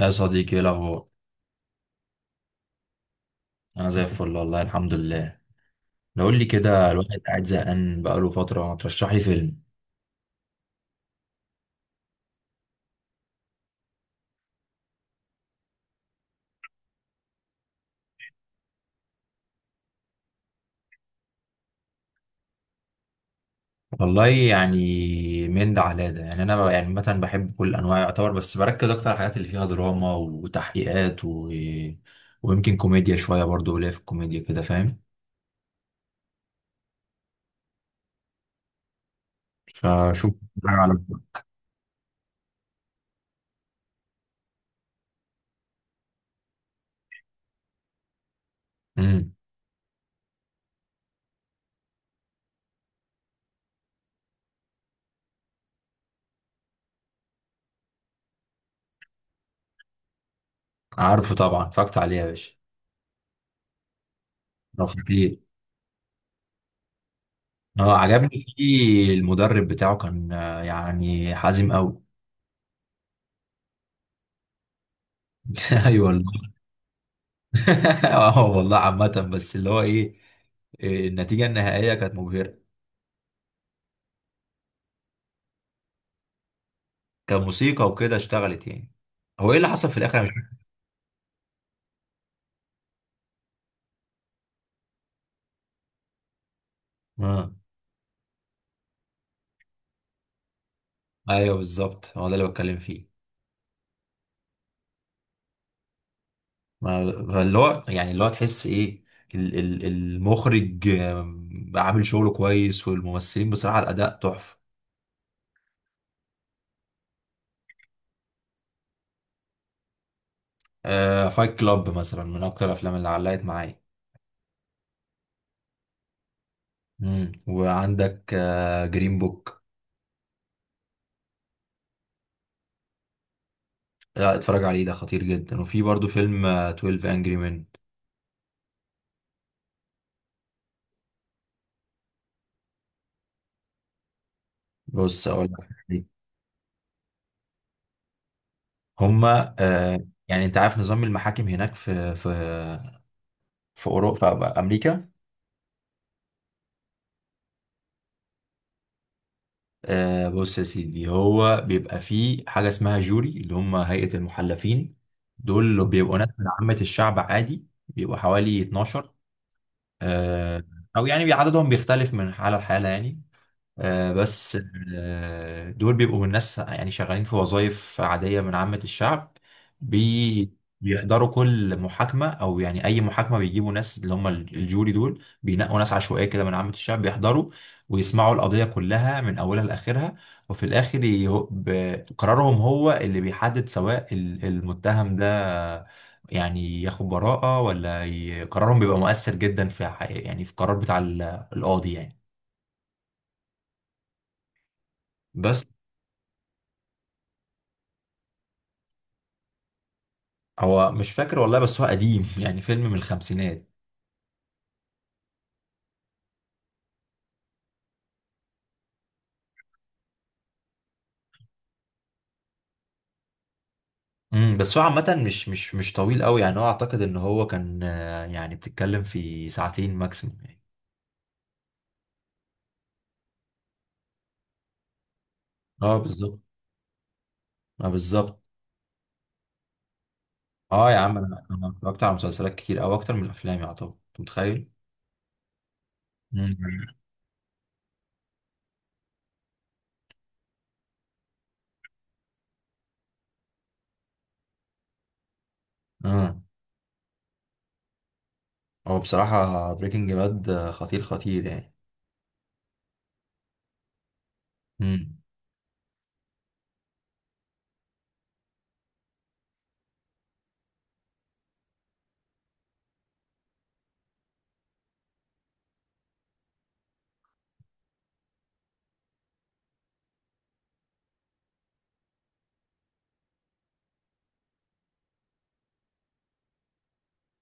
يا صديقي، ايه الاخبار؟ انا زي الفل والله الحمد لله. لو قول لي كده، الواحد قاعد زهقان بقاله فتره. ما ترشح لي فيلم. والله يعني من ده على ده. يعني انا يعني مثلا بحب كل انواع يعتبر، بس بركز اكتر على الحاجات اللي فيها دراما وتحقيقات و... ويمكن كوميديا شويه برضو، قليل في الكوميديا كده، فاهم؟ فشوف حاجة على. امم عارفه طبعا، اتفرجت عليه يا باشا. ده خطير. اه، عجبني فيه المدرب بتاعه كان يعني حازم قوي. ايوه والله. اه والله. عامة بس اللي هو ايه، إيه، النتيجة النهائية كانت مبهرة. كموسيقى وكده اشتغلت يعني. هو ايه اللي حصل في الاخر؟ أنا مش فاهم. اه. ايوه بالظبط، هو ده اللي بتكلم فيه. فاللي هو يعني، اللي هو تحس ايه، ال المخرج عامل شغله كويس، والممثلين بصراحة الأداء تحفة. آه، فايت كلاب مثلا من أكتر الأفلام اللي علقت معايا. وعندك آه جرين بوك. لا، اتفرج عليه، ده خطير جدا. وفي برضو فيلم 12 Angry Men. بص اقول لك حاجة. هما يعني، انت عارف نظام المحاكم هناك في في اوروبا في امريكا؟ آه، بص يا سيدي، هو بيبقى فيه حاجه اسمها جوري، اللي هم هيئه المحلفين. دول بيبقوا ناس من عامه الشعب عادي، بيبقوا حوالي 12. آه. او يعني عددهم بيختلف من حاله لحاله يعني. بس. دول بيبقوا من ناس يعني شغالين في وظائف عادية من عامة الشعب. بيحضروا كل محاكمة أو يعني أي محاكمة. بيجيبوا ناس اللي هم الجوري دول، بينقوا ناس عشوائية كده من عامة الشعب، بيحضروا ويسمعوا القضية كلها من أولها لآخرها. وفي الآخر قرارهم هو اللي بيحدد سواء المتهم ده يعني ياخد براءة ولا، قرارهم بيبقى مؤثر جدا في حقيقة، يعني في القرار بتاع القاضي يعني. بس. هو مش فاكر والله، بس هو قديم يعني، فيلم من الخمسينات. بس هو عامة مش طويل قوي يعني، هو اعتقد ان هو كان يعني بتتكلم في ساعتين ماكسيموم يعني. اه بالظبط. اه بالظبط. اه يا عم، انا اتفرجت على مسلسلات كتير او اكتر من الافلام يعتبر، انت متخيل؟ امم اه. هو بصراحة بريكنج باد خطير خطير يعني. امم.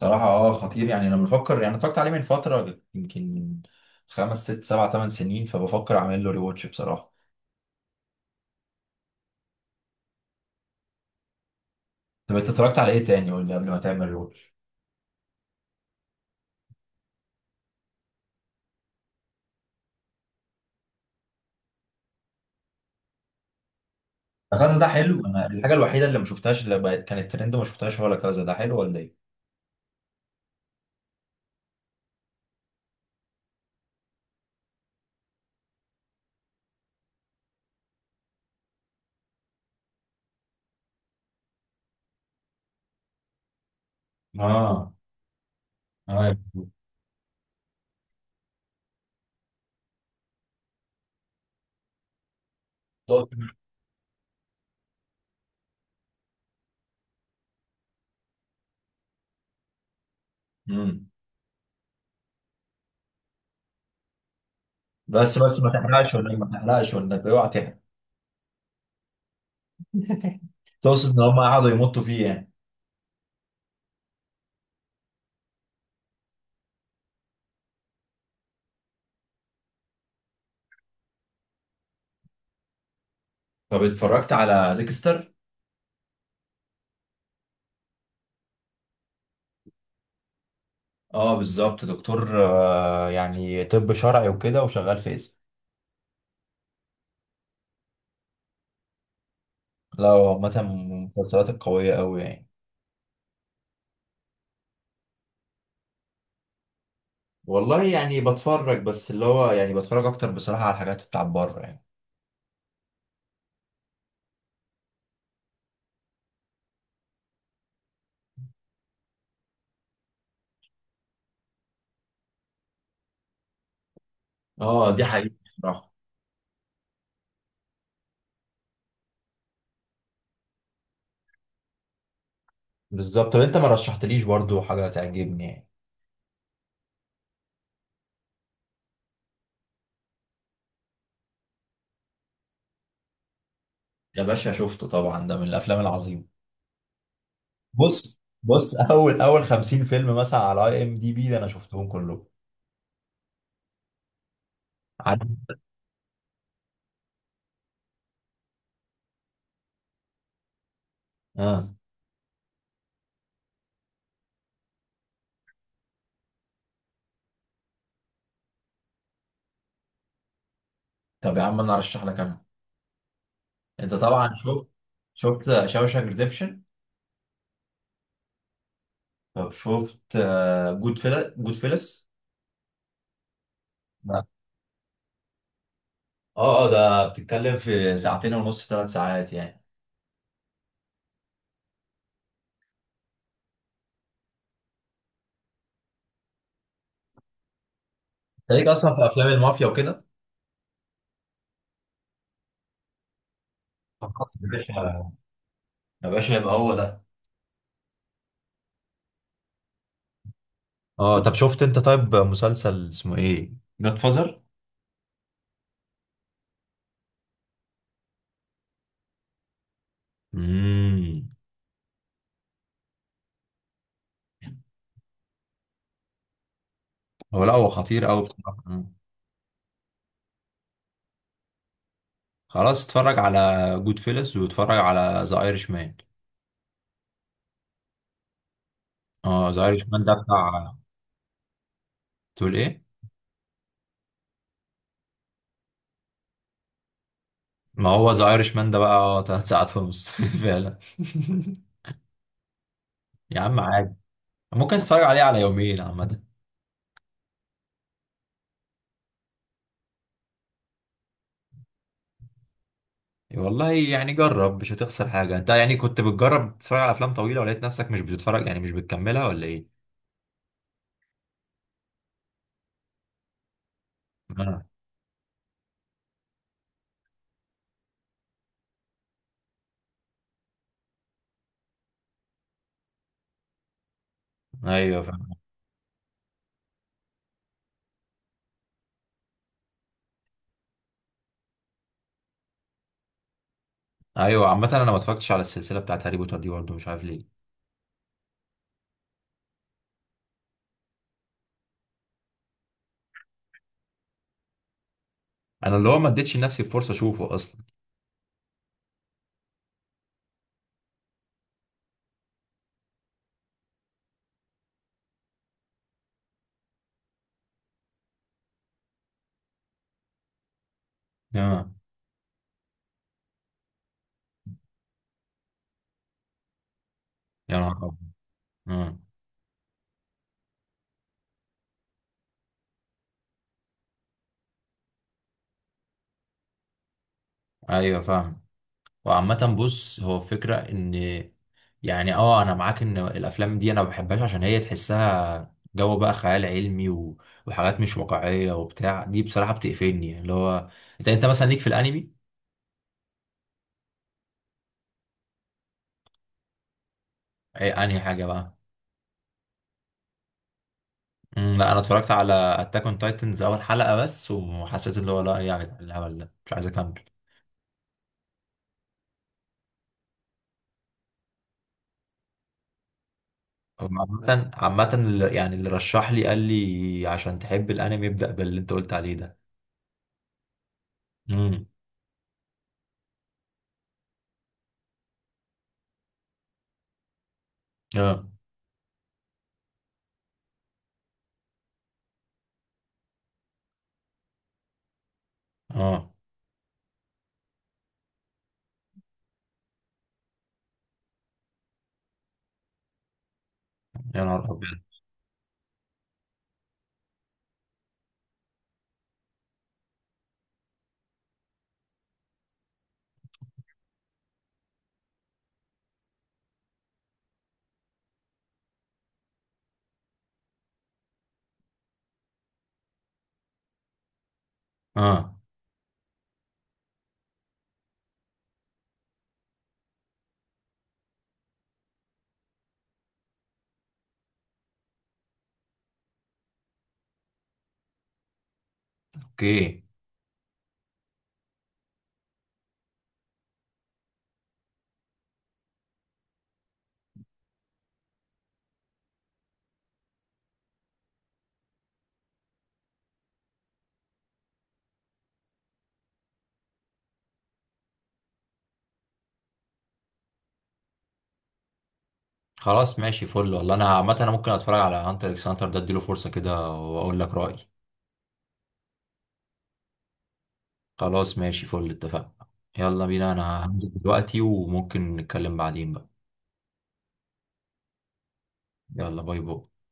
بصراحة اه، خطير يعني. انا بفكر، يعني اتفرجت عليه من فترة، يمكن خمس ست سبع ثمان سنين، فبفكر اعمل له ريواتش بصراحة. طب انت اتفرجت على ايه تاني؟ قول لي قبل ما تعمل روتش. كذا ده حلو. انا الحاجه الوحيده اللي ما شفتهاش، اللي بقت كانت ترند وما شفتهاش، هو لا كذا. ده حلو ولا ايه؟ اه اه. تقصد- امم. بس بس، ما تحرقش ولا إيه؟ ما تحرقش ولا إيه؟ اوعى تحرق. تقصد ان هم قعدوا يمطوا فيه يعني؟ طب اتفرجت على ديكستر؟ اه بالظبط، دكتور يعني طب شرعي وكده وشغال في اسم. لا، هو عامه من المسلسلات القويه قوي يعني. والله يعني بتفرج، بس اللي هو يعني بتفرج اكتر بصراحه على الحاجات بتاع بره يعني. اه دي حقيقة بصراحة. بالظبط. طب انت ما رشحتليش برضو حاجه تعجبني يعني. يا باشا شفته طبعا، ده من الافلام العظيمة. بص بص، اول 50 فيلم مثلا على اي ام دي بي ده، انا شفتهم كلهم. عارف. اه طب يا عم، انا ارشح لك انا. انت طبعا شفت، شفت شاوشانك ريديمشن. طب شفت، جود فيلس. لا. اه اه، ده بتتكلم في ساعتين ونص ثلاث ساعات يعني. انت ليك اصلا في افلام المافيا وكده؟ طب خلاص يا باشا. يا باشا يبقى هو ده. اه طب شفت انت طيب مسلسل اسمه ايه، جاد فازر؟ امم. هو لا هو خطير قوي بصراحه. مم. خلاص اتفرج على جود فيلس واتفرج على ذا ايرش مان. اه، ذا ايرش مان ده بتاع. تقول ايه؟ ما هو ذا ايرش مان ده بقى اه تلات ساعات ونص فعلا. يا عم عادي، ممكن تتفرج عليه على يومين عامه. والله يعني جرب، مش هتخسر حاجه. انت يعني كنت بتجرب تتفرج على افلام طويله ولقيت نفسك مش بتتفرج يعني، مش بتكملها ولا ايه؟ آه. ايوه. ايوه، عامة انا ما اتفرجتش على السلسلة بتاعت هاري بوتر دي برضه، مش عارف ليه. انا اللي هو ما اديتش لنفسي فرصة اشوفه اصلا. اه. يا نهار أبيض. اه. ايوه فاهم. وعامة بص، هو فكرة ان يعني، اه، انا معاك ان الافلام دي انا ما بحبهاش عشان هي تحسها جو بقى خيال علمي و... وحاجات مش واقعية وبتاع دي بصراحة بتقفلني. اللي هو انت مثلا ليك في الانمي؟ ايه انهي حاجة بقى؟ لا انا اتفرجت على اتاك اون تايتنز اول حلقة بس، وحسيت اللي هو لا، يعني ايه يا جدعان الهبل ده، مش عايز اكمل. هو عامة عامة يعني اللي رشح لي قال لي عشان تحب الانمي ابدأ باللي انت قلت عليه ده. امم. اه اه. يا نهار ابيض. اه. اوكي. خلاص ماشي فل، والله انا عامة انا ممكن اتفرج على هانتر اكس هانتر ده، اديله فرصة كده واقول لك رأيي. خلاص ماشي فل، اتفقنا. يلا بينا، انا هنزل دلوقتي وممكن نتكلم بعدين بقى. يلا باي باي.